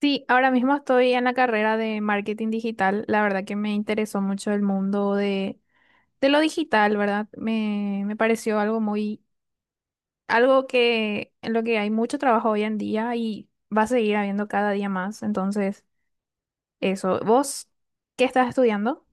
Sí, ahora mismo estoy en la carrera de marketing digital. La verdad que me interesó mucho el mundo de lo digital, ¿verdad? Me pareció algo que en lo que hay mucho trabajo hoy en día y va a seguir habiendo cada día más. Entonces, eso. ¿Vos qué estás estudiando?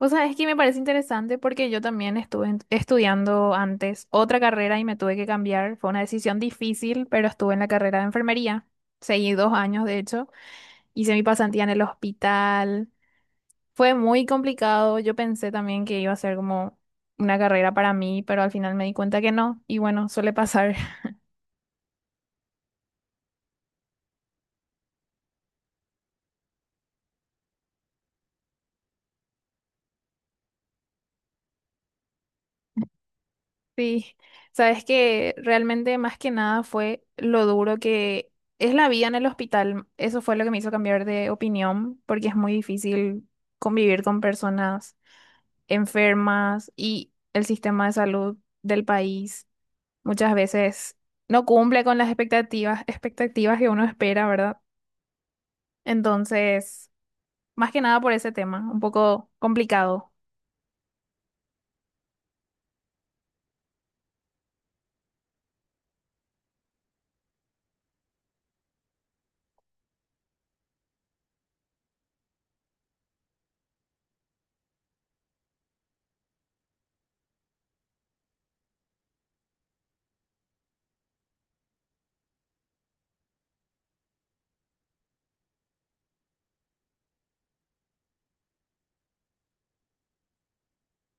O sea, es que me parece interesante porque yo también estudiando antes otra carrera y me tuve que cambiar. Fue una decisión difícil, pero estuve en la carrera de enfermería. Seguí 2 años, de hecho. Hice mi pasantía en el hospital. Fue muy complicado. Yo pensé también que iba a ser como una carrera para mí, pero al final me di cuenta que no. Y bueno, suele pasar. Sí, sabes que realmente más que nada fue lo duro que es la vida en el hospital. Eso fue lo que me hizo cambiar de opinión, porque es muy difícil convivir con personas enfermas y el sistema de salud del país muchas veces no cumple con las expectativas, expectativas que uno espera, ¿verdad? Entonces, más que nada por ese tema, un poco complicado.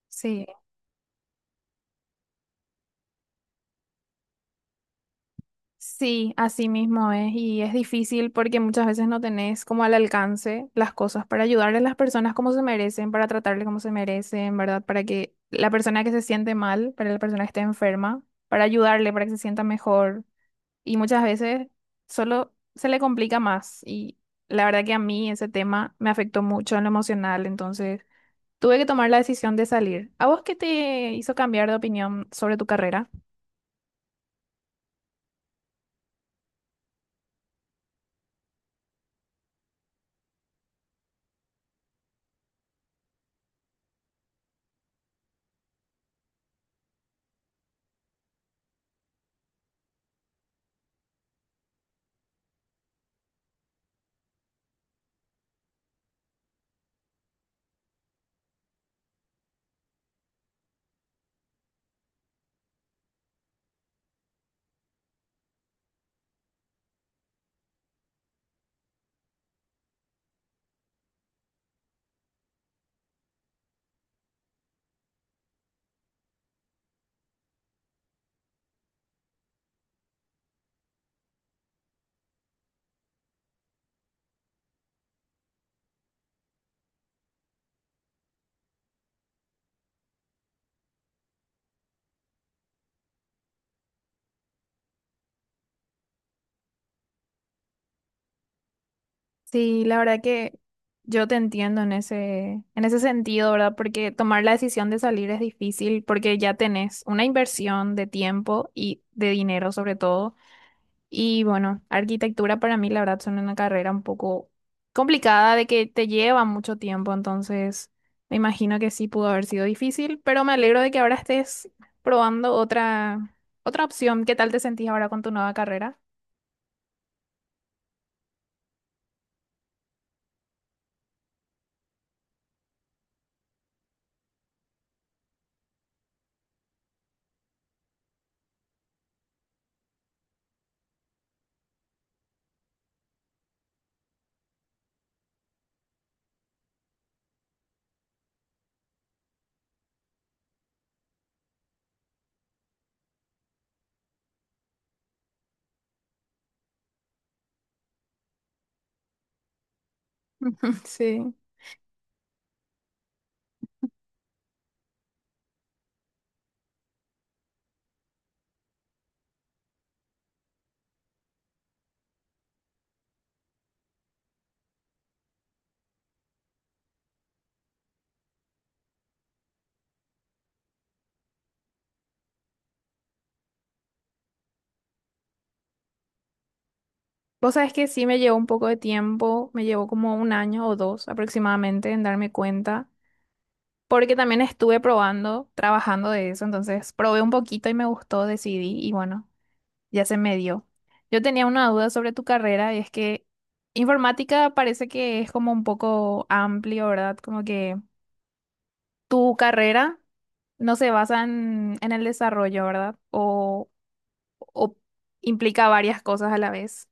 Sí, sí, así mismo es. Y es difícil porque muchas veces no tenés como al alcance las cosas para ayudar a las personas como se merecen, para tratarles como se merecen, ¿verdad? Para que la persona que se siente mal, para la persona que esté enferma, para ayudarle, para que se sienta mejor. Y muchas veces solo se le complica más. Y la verdad que a mí ese tema me afectó mucho en lo emocional, entonces... Tuve que tomar la decisión de salir. ¿A vos qué te hizo cambiar de opinión sobre tu carrera? Sí, la verdad que yo te entiendo en ese sentido, ¿verdad? Porque tomar la decisión de salir es difícil porque ya tenés una inversión de tiempo y de dinero sobre todo. Y bueno, arquitectura para mí, la verdad, son una carrera un poco complicada, de que te lleva mucho tiempo, entonces me imagino que sí pudo haber sido difícil, pero me alegro de que ahora estés probando otra opción. ¿Qué tal te sentís ahora con tu nueva carrera? Sí. Vos sabés que sí me llevó un poco de tiempo, me llevó como un año o dos aproximadamente en darme cuenta, porque también estuve probando, trabajando de eso, entonces probé un poquito y me gustó, decidí y bueno. Ya se me dio. Yo tenía una duda sobre tu carrera y es que informática parece que es como un poco amplio, ¿verdad? Como que tu carrera no se basa en el desarrollo, ¿verdad? O implica varias cosas a la vez.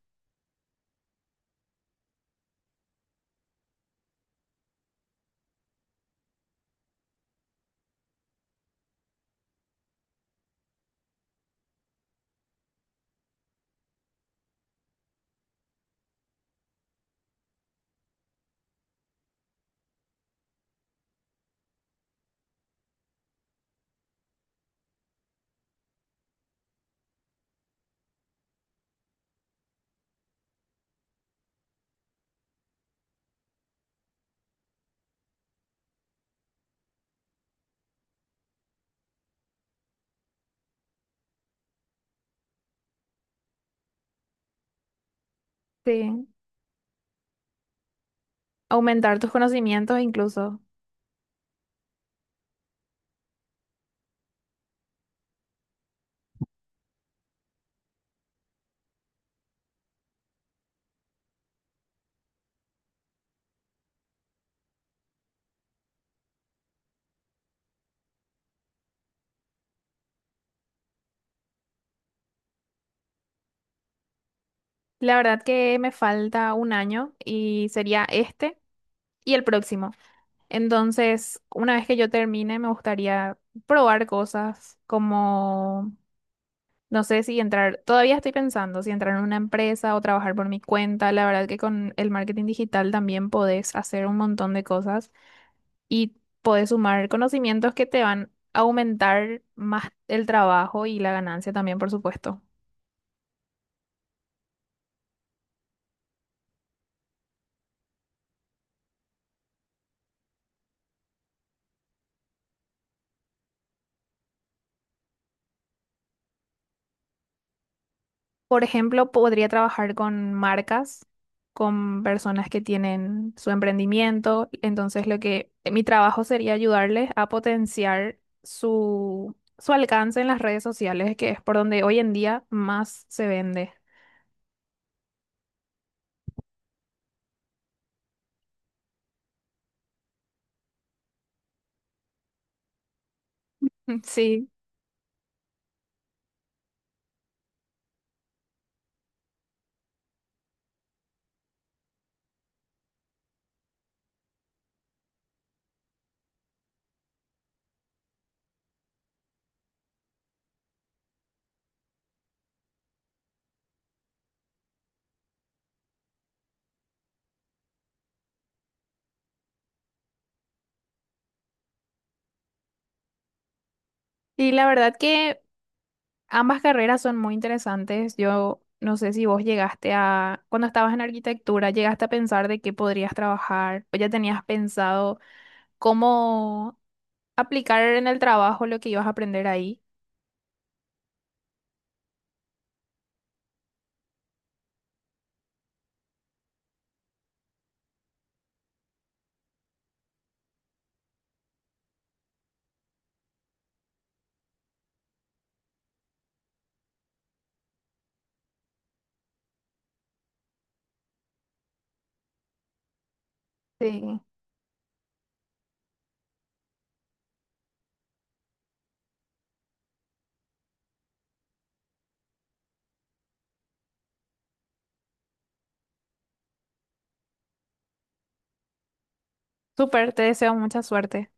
Sí. Aumentar tus conocimientos incluso. La verdad que me falta un año y sería este y el próximo. Entonces, una vez que yo termine, me gustaría probar cosas como... No sé si entrar, todavía estoy pensando si entrar en una empresa o trabajar por mi cuenta. La verdad que con el marketing digital también podés hacer un montón de cosas y podés sumar conocimientos que te van a aumentar más el trabajo y la ganancia también, por supuesto. Por ejemplo, podría trabajar con marcas, con personas que tienen su emprendimiento. Entonces, lo que mi trabajo sería ayudarles a potenciar su, su alcance en las redes sociales, que es por donde hoy en día más se vende. Sí. Y la verdad que ambas carreras son muy interesantes. Yo no sé si vos llegaste a, cuando estabas en arquitectura, llegaste a pensar de qué podrías trabajar, o ya tenías pensado cómo aplicar en el trabajo lo que ibas a aprender ahí. Sí. Súper, te deseo mucha suerte.